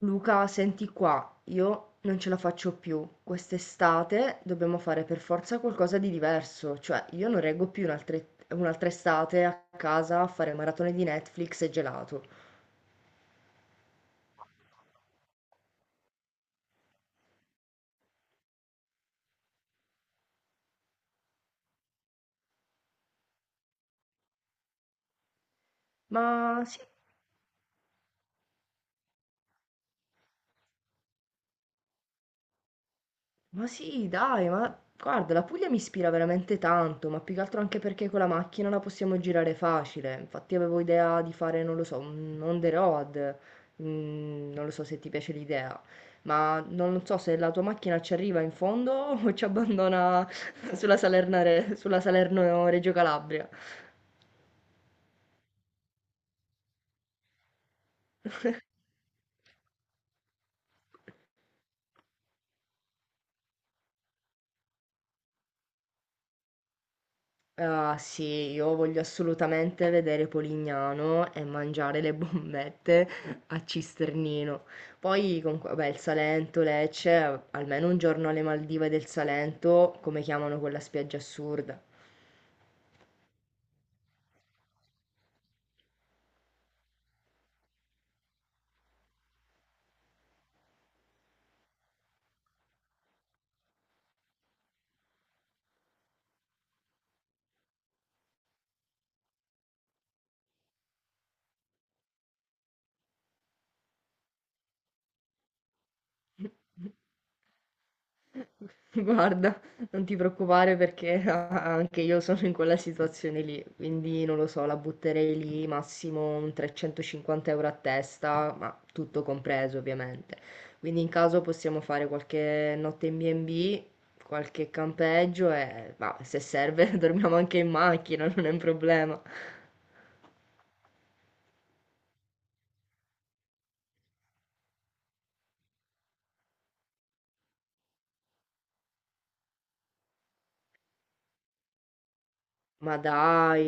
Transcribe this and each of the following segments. Luca, senti qua, io non ce la faccio più. Quest'estate dobbiamo fare per forza qualcosa di diverso, cioè io non reggo più un'altra estate a casa a fare maratone di Netflix e gelato. Ma sì, Ma sì, dai, ma guarda, la Puglia mi ispira veramente tanto, ma più che altro anche perché con la macchina la possiamo girare facile. Infatti avevo idea di fare, non lo so, un on the road. Non lo so se ti piace l'idea, ma non so se la tua macchina ci arriva in fondo o ci abbandona sulla Salerno-Reggio Calabria. Ah sì, io voglio assolutamente vedere Polignano e mangiare le bombette a Cisternino. Poi, comunque, vabbè, il Salento, Lecce, almeno un giorno alle Maldive del Salento, come chiamano quella spiaggia assurda. Guarda, non ti preoccupare perché anche io sono in quella situazione lì, quindi non lo so, la butterei lì massimo un 350 euro a testa, ma tutto compreso ovviamente. Quindi in caso possiamo fare qualche notte in B&B, qualche campeggio e bah, se serve dormiamo anche in macchina, non è un problema. Ma dai,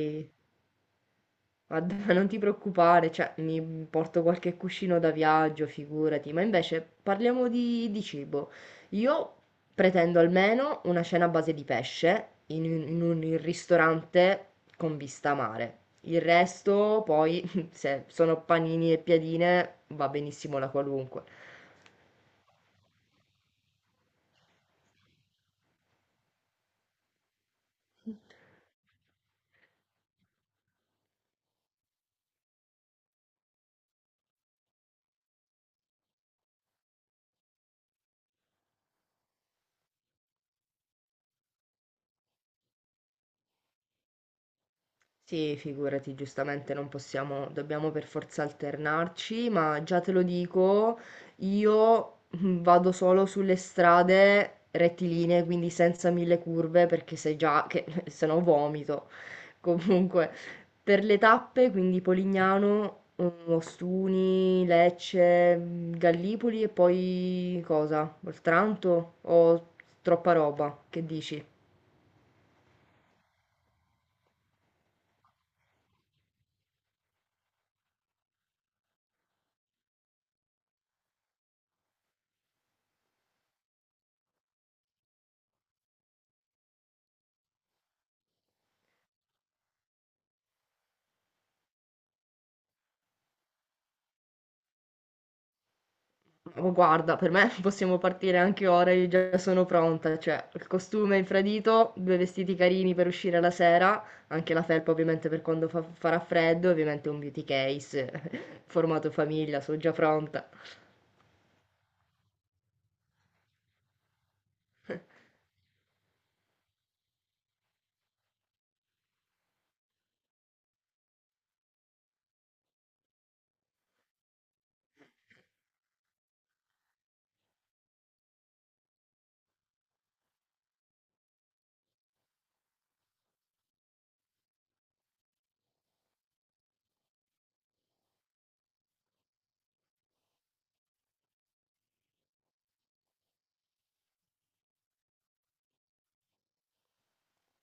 guarda, non ti preoccupare, cioè, mi porto qualche cuscino da viaggio, figurati, ma invece parliamo di cibo. Io pretendo almeno una cena a base di pesce in un ristorante con vista a mare. Il resto, poi, se sono panini e piadine, va benissimo la qualunque. Sì, figurati, giustamente non possiamo, dobbiamo per forza alternarci, ma già te lo dico, io vado solo sulle strade rettilinee, quindi senza mille curve, perché se già che se no vomito. Comunque, per le tappe, quindi Polignano, Ostuni, Lecce, Gallipoli e poi cosa? Oltranto o troppa roba? Che dici? Oh, guarda, per me possiamo partire anche ora, io già sono pronta, cioè il costume infradito, due vestiti carini per uscire la sera, anche la felpa ovviamente per quando farà freddo, ovviamente un beauty case formato famiglia, sono già pronta.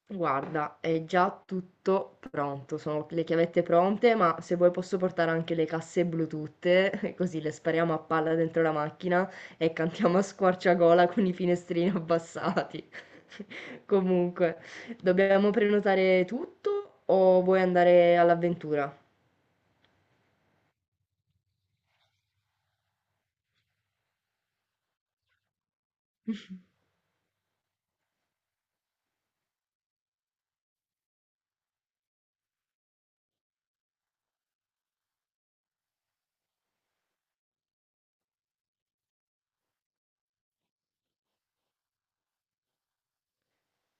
Guarda, è già tutto pronto, sono le chiavette pronte, ma se vuoi posso portare anche le casse Bluetooth, così le spariamo a palla dentro la macchina e cantiamo a squarciagola con i finestrini abbassati. Comunque, dobbiamo prenotare tutto o vuoi andare all'avventura?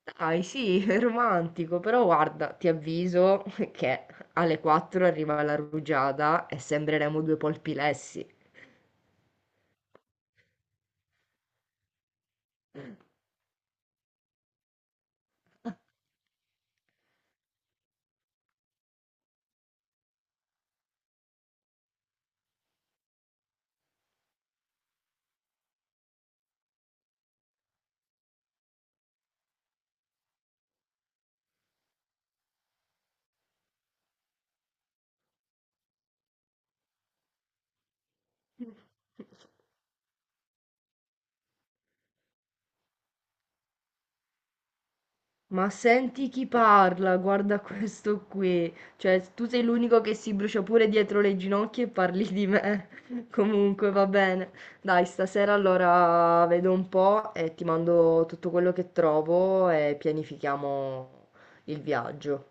Dai, sì, è romantico, però guarda, ti avviso che alle 4 arriva la rugiada e sembreremo due polpilessi. Ma senti chi parla, guarda questo qui. Cioè, tu sei l'unico che si brucia pure dietro le ginocchia e parli di me. Comunque, va bene. Dai, stasera allora vedo un po' e ti mando tutto quello che trovo e pianifichiamo il viaggio.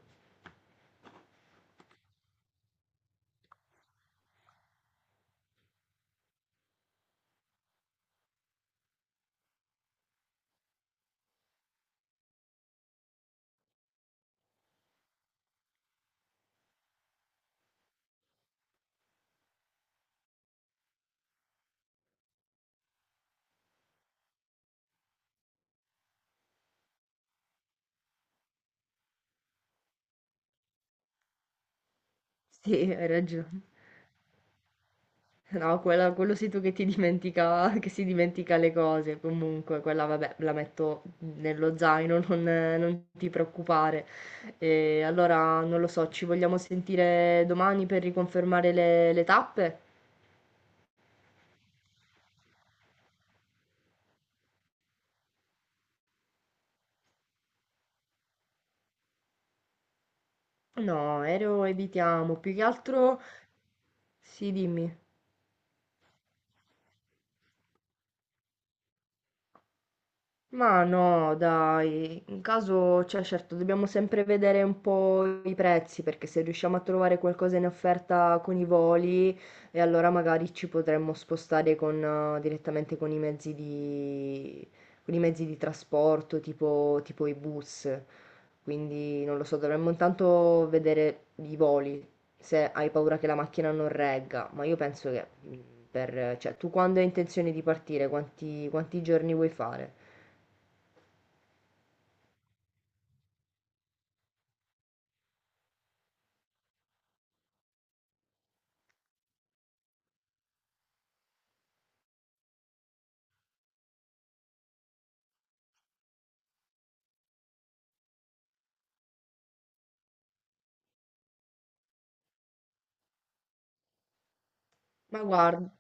Sì, hai ragione. No, quello sei tu che ti dimentica, che si dimentica le cose. Comunque, quella vabbè, la metto nello zaino, non ti preoccupare. E allora, non lo so, ci vogliamo sentire domani per riconfermare le tappe? No, aereo evitiamo. Più che altro, sì, dimmi. Ma no, dai, in caso, cioè certo, dobbiamo sempre vedere un po' i prezzi, perché se riusciamo a trovare qualcosa in offerta con i voli, e allora magari ci potremmo spostare con, direttamente con i mezzi di, con i mezzi di trasporto, tipo i bus. Quindi non lo so, dovremmo intanto vedere i voli, se hai paura che la macchina non regga, ma io penso che, per, cioè, tu quando hai intenzione di partire, quanti giorni vuoi fare? Ma guarda,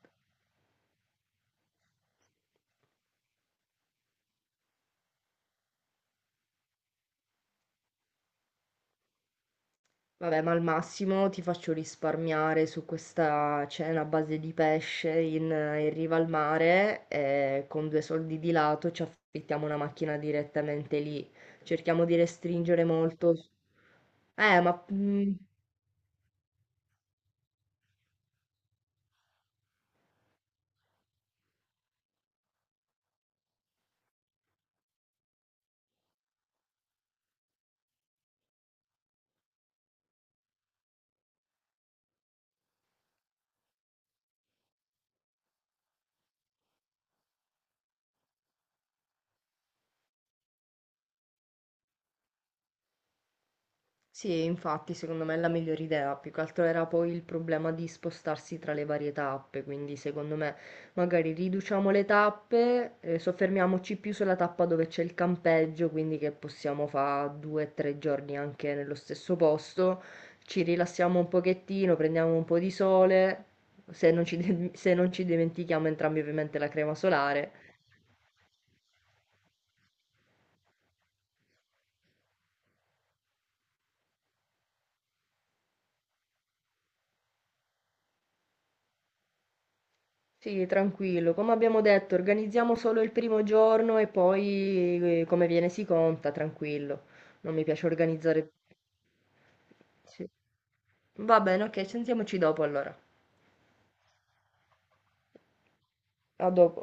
vabbè, ma al massimo ti faccio risparmiare su questa cena a base di pesce in riva al mare e con due soldi di lato ci affittiamo una macchina direttamente lì. Cerchiamo di restringere molto. Eh, ma mm, Sì, infatti, secondo me è la migliore idea. Più che altro era poi il problema di spostarsi tra le varie tappe, quindi secondo me magari riduciamo le tappe, soffermiamoci più sulla tappa dove c'è il campeggio, quindi che possiamo fare 2 o 3 giorni anche nello stesso posto, ci rilassiamo un pochettino, prendiamo un po' di sole, se non ci, se non ci dimentichiamo entrambi ovviamente la crema solare. Sì, tranquillo. Come abbiamo detto, organizziamo solo il primo giorno e poi come viene si conta, tranquillo. Non mi piace organizzare. Sì. Va bene, ok, sentiamoci dopo allora. A dopo.